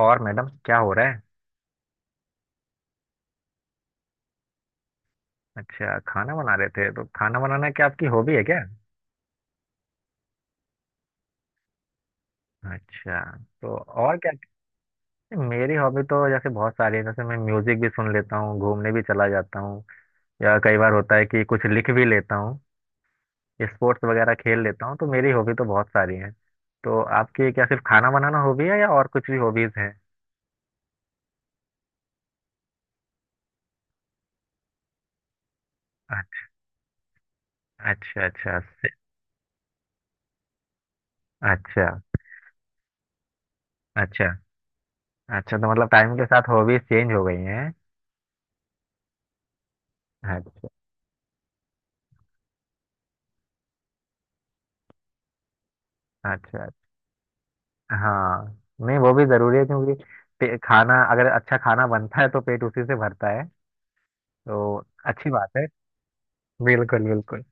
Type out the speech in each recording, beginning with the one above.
और मैडम क्या हो रहा है। अच्छा खाना बना रहे थे तो खाना बनाना क्या आपकी हॉबी है क्या। अच्छा। तो और क्या। मेरी हॉबी तो जैसे बहुत सारी है। जैसे मैं म्यूजिक भी सुन लेता हूँ, घूमने भी चला जाता हूँ, या कई बार होता है कि कुछ लिख भी लेता हूँ, स्पोर्ट्स वगैरह खेल लेता हूँ। तो मेरी हॉबी तो बहुत सारी है। तो आपकी क्या सिर्फ खाना बनाना हॉबी है या और कुछ भी हॉबीज हैं। अच्छा अच्छा अच्छा। अच्छा अच्छा। अच्छा तो मतलब टाइम के साथ हॉबीज चेंज हो गई हैं। अच्छा। अच्छा। हाँ। नहीं वो भी जरूरी है क्योंकि खाना अगर अच्छा खाना बनता है तो पेट उसी से भरता है। तो अच्छी बात है। बिल्कुल बिल्कुल।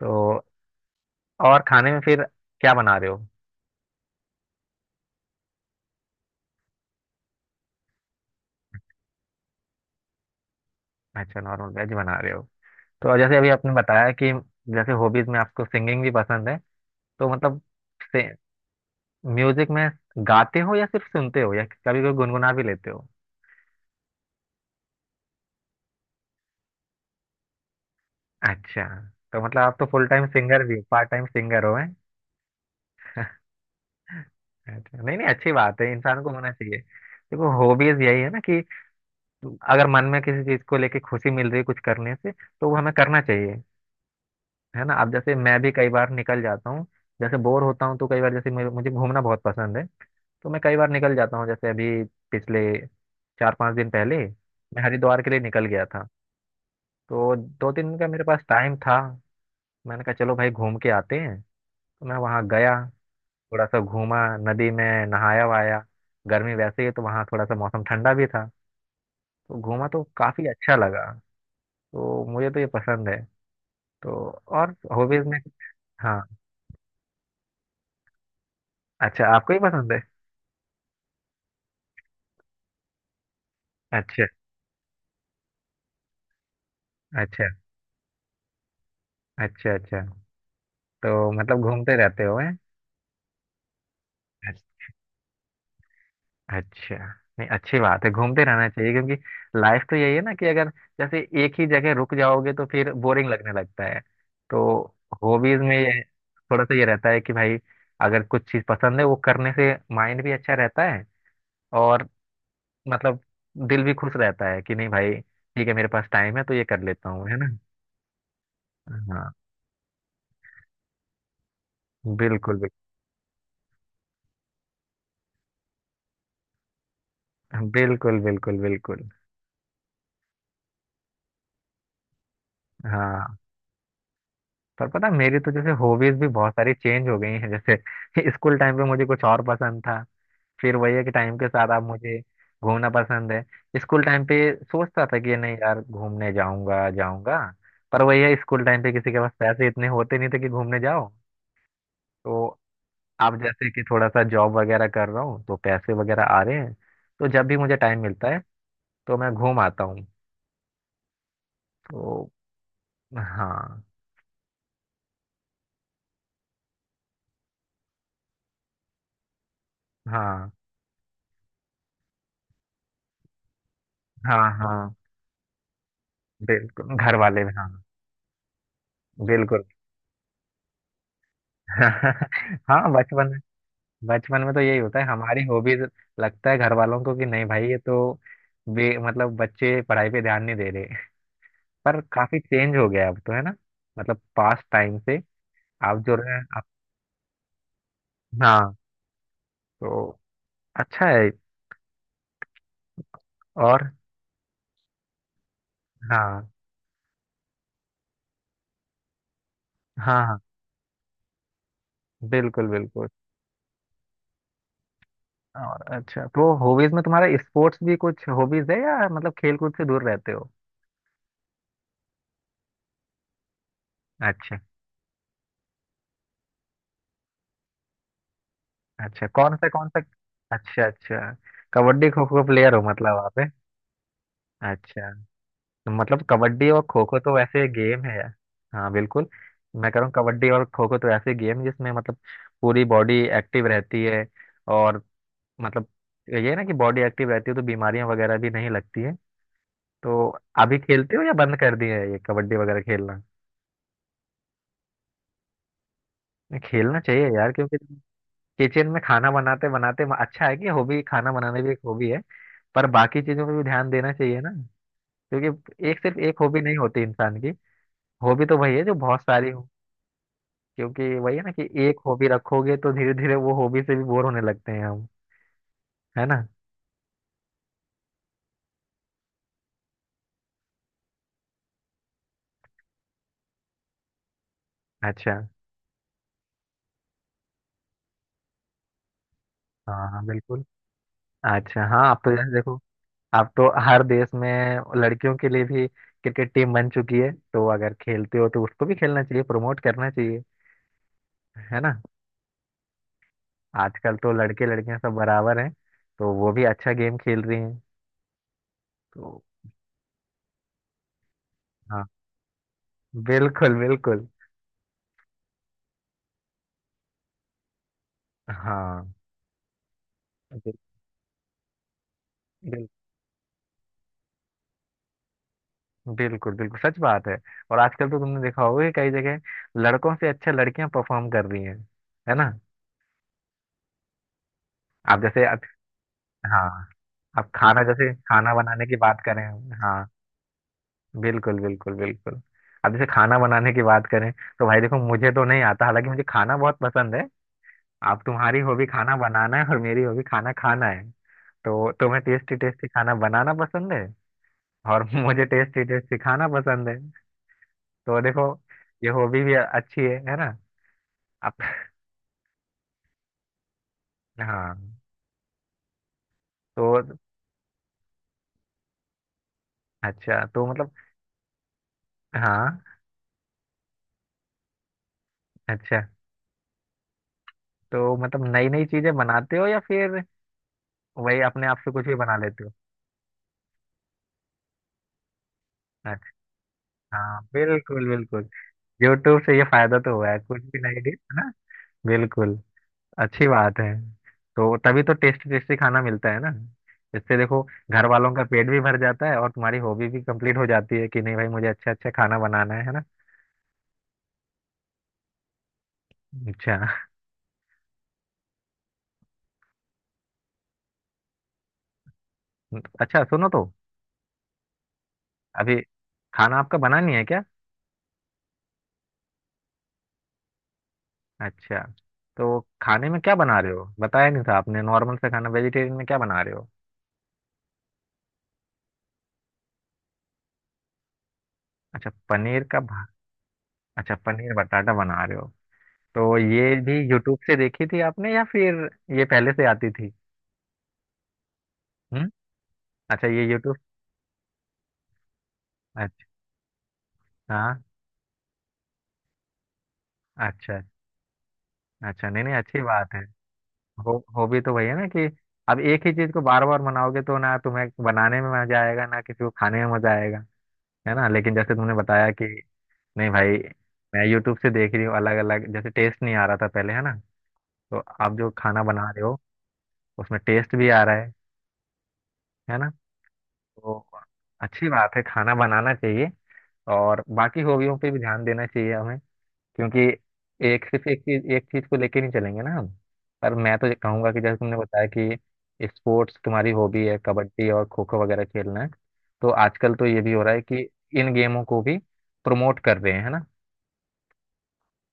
तो और खाने में फिर क्या बना रहे हो। अच्छा नॉर्मल वेज बना रहे हो। तो जैसे अभी आपने बताया कि जैसे हॉबीज में आपको सिंगिंग भी पसंद है, तो मतलब से म्यूजिक में गाते हो या सिर्फ सुनते हो या कभी कभी गुनगुना भी लेते हो। अच्छा। तो मतलब आप तो फुल टाइम सिंगर भी पार्ट टाइम सिंगर हो। अच्छा नहीं नहीं अच्छी बात है, इंसान को होना चाहिए। देखो हॉबीज यही है ना कि अगर मन में किसी चीज को लेके खुशी मिल रही है कुछ करने से तो वो हमें करना चाहिए। है ना। अब जैसे मैं भी कई बार निकल जाता हूँ, जैसे बोर होता हूँ तो कई बार, जैसे मुझे मुझे घूमना बहुत पसंद है, तो मैं कई बार निकल जाता हूँ। जैसे अभी पिछले चार पांच दिन पहले मैं हरिद्वार के लिए निकल गया था। तो दो तीन दिन का मेरे पास टाइम था। मैंने कहा चलो भाई घूम के आते हैं। तो मैं वहाँ गया, थोड़ा सा घूमा, नदी में नहाया वहाया। गर्मी वैसे ही है, तो वहाँ थोड़ा सा मौसम ठंडा भी था। तो घूमा तो काफी अच्छा लगा। तो मुझे तो ये पसंद है। तो और हॉबीज में हाँ। अच्छा आपको ही पसंद है। अच्छा अच्छा। अच्छा अच्छा। तो मतलब घूमते रहते हो हैं। अच्छा। नहीं अच्छी बात है, घूमते रहना चाहिए क्योंकि लाइफ तो यही है ना कि अगर जैसे एक ही जगह रुक जाओगे तो फिर बोरिंग लगने लगता है। तो हॉबीज में ये थोड़ा सा ये रहता है कि भाई अगर कुछ चीज पसंद है वो करने से माइंड भी अच्छा रहता है और मतलब दिल भी खुश रहता है कि नहीं भाई ठीक है मेरे पास टाइम है तो ये कर लेता हूँ। है ना। हाँ। बिल्कुल बिल्कुल बिल्कुल बिल्कुल बिल्कुल। हाँ पर पता है, मेरी तो जैसे हॉबीज भी बहुत सारी चेंज हो गई हैं। जैसे स्कूल टाइम पे मुझे कुछ और पसंद था। फिर वही है कि टाइम के साथ आप मुझे घूमना पसंद है। स्कूल टाइम पे सोचता था कि नहीं यार घूमने जाऊंगा जाऊंगा। पर वही है, स्कूल टाइम पे किसी के पास पैसे इतने होते नहीं थे कि घूमने जाओ। तो आप जैसे कि थोड़ा सा जॉब वगैरह कर रहा हूँ तो पैसे वगैरह आ रहे हैं। तो जब भी मुझे टाइम मिलता है तो मैं घूम आता हूँ। तो हाँ। हाँ हाँ। हाँ बिल्कुल घर वाले भी, हाँ बिल्कुल। हाँ बचपन। बचपन में तो यही होता है, हमारी हॉबीज लगता है घर वालों को कि नहीं भाई ये तो बे मतलब बच्चे पढ़ाई पे ध्यान नहीं दे रहे। पर काफी चेंज हो गया है अब तो, है ना। मतलब पास्ट टाइम से आप जो रहे आप, हाँ। तो अच्छा है। और हाँ हाँ हाँ। बिल्कुल बिल्कुल। और अच्छा तो हॉबीज में तुम्हारा स्पोर्ट्स भी कुछ हॉबीज है या मतलब खेल कूद से दूर रहते हो। अच्छा। अच्छा कौन सा कौन सा। अच्छा अच्छा। कबड्डी खो खो प्लेयर हो मतलब आप है? अच्छा। मतलब कबड्डी और खो खो तो ऐसे गेम है। हाँ बिल्कुल। मैं कह रहा हूँ कबड्डी और खो खो तो ऐसे गेम है जिसमें मतलब पूरी बॉडी एक्टिव रहती है और मतलब ये है ना कि बॉडी एक्टिव रहती है तो बीमारियां वगैरह भी नहीं लगती है। तो अभी खेलते हो या बंद कर दिए है ये कबड्डी वगैरह खेलना। नहीं, खेलना चाहिए यार क्योंकि किचन में खाना बनाते बनाते, अच्छा है कि हॉबी खाना बनाने भी एक हॉबी है, पर बाकी चीजों पे भी ध्यान देना चाहिए ना। क्योंकि एक सिर्फ एक हॉबी नहीं होती इंसान की। हॉबी तो वही है जो बहुत सारी हो। क्योंकि वही है ना कि एक हॉबी रखोगे तो धीरे धीरे वो हॉबी से भी बोर होने लगते हैं हम। है ना। अच्छा हाँ हाँ बिल्कुल। अच्छा हाँ आप तो जैसे देखो, आप तो हर देश में लड़कियों के लिए भी क्रिकेट टीम बन चुकी है, तो अगर खेलते हो तो उसको भी खेलना चाहिए, प्रमोट करना चाहिए। है ना। आजकल तो लड़के लड़कियां सब बराबर हैं, तो वो भी अच्छा गेम खेल रही हैं। तो हाँ बिल्कुल बिल्कुल। हाँ बिल- बिल्कुल बिल्कुल सच बात है। और आजकल तो तुमने देखा होगा कि कई जगह लड़कों से अच्छा लड़कियां परफॉर्म कर रही हैं। है ना। आप जैसे अब हाँ, अब खाना जैसे खाना बनाने की बात करें। हाँ बिल्कुल बिल्कुल बिल्कुल। अब जैसे खाना बनाने की बात करें तो भाई देखो मुझे तो नहीं आता, हालांकि मुझे खाना बहुत पसंद है। अब तुम्हारी हॉबी खाना बनाना है और मेरी हॉबी खाना खाना है। तो तुम्हें टेस्टी टेस्टी खाना बनाना पसंद है और मुझे टेस्टी टेस्टी खाना पसंद है। तो देखो ये हॉबी भी अच्छी है ना। हाँ। तो अच्छा तो मतलब हाँ। अच्छा तो मतलब नई नई चीजें बनाते हो या फिर वही अपने आप से कुछ भी बना लेते हो। अच्छा। हाँ बिल्कुल बिल्कुल। यूट्यूब से ये फायदा तो हुआ है कुछ भी नई डिश है ना। बिल्कुल। अच्छी बात है। तो तभी तो टेस्टी टेस्टी खाना मिलता है ना। इससे देखो घर वालों का पेट भी भर जाता है और तुम्हारी हॉबी भी कंप्लीट हो जाती है कि नहीं भाई मुझे अच्छा अच्छा खाना बनाना है। है ना। अच्छा। अच्छा सुनो तो, अभी खाना आपका बना नहीं है क्या। अच्छा। तो खाने में क्या बना रहे हो, बताया नहीं था आपने, नॉर्मल से खाना वेजिटेरियन में क्या बना रहे हो। अच्छा पनीर का भा... अच्छा पनीर बटाटा बना रहे हो। तो ये भी यूट्यूब से देखी थी आपने या फिर ये पहले से आती थी। हम्म। अच्छा ये यूट्यूब। अच्छा हाँ। अच्छा अच्छा। नहीं नहीं अच्छी बात है। हो हॉबी तो वही है ना कि अब एक ही चीज को बार बार बनाओगे तो ना तुम्हें बनाने में मजा आएगा ना किसी को खाने में मजा आएगा। है ना। लेकिन जैसे तुमने बताया कि नहीं भाई मैं यूट्यूब से देख रही हूँ अलग अलग, जैसे टेस्ट नहीं आ रहा था पहले, है ना। तो आप जो खाना बना रहे हो उसमें टेस्ट भी आ रहा है ना। तो अच्छी बात है, खाना बनाना चाहिए और बाकी हॉबियों पे भी ध्यान देना चाहिए हमें। क्योंकि एक सिर्फ एक चीज को लेके नहीं चलेंगे ना हम। पर मैं तो ये कहूंगा कि जैसे तुमने बताया कि स्पोर्ट्स तुम्हारी हॉबी है, कबड्डी और खो खो वगैरह खेलना है, तो आजकल तो ये भी हो रहा है कि इन गेमों को भी प्रमोट कर रहे हैं, है ना।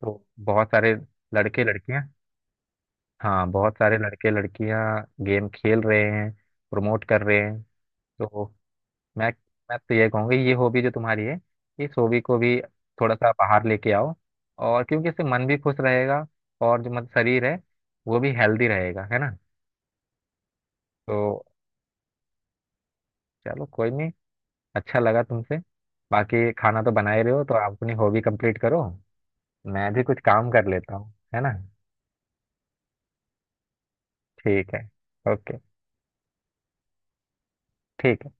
तो बहुत सारे लड़के लड़कियां, हाँ बहुत सारे लड़के लड़कियां गेम खेल रहे हैं, प्रमोट कर रहे हैं। तो मैं मैं तो ये कहूँगी ये हॉबी जो तुम्हारी है, इस हॉबी को भी थोड़ा सा बाहर लेके आओ। और क्योंकि इससे मन भी खुश रहेगा और जो मतलब शरीर है वो भी हेल्दी रहेगा, है ना। तो चलो कोई नहीं, अच्छा लगा तुमसे। बाकी खाना तो बना ही रहे हो तो आप अपनी हॉबी कंप्लीट करो, मैं भी कुछ काम कर लेता हूँ, है ना। ठीक है। ओके। ठीक है।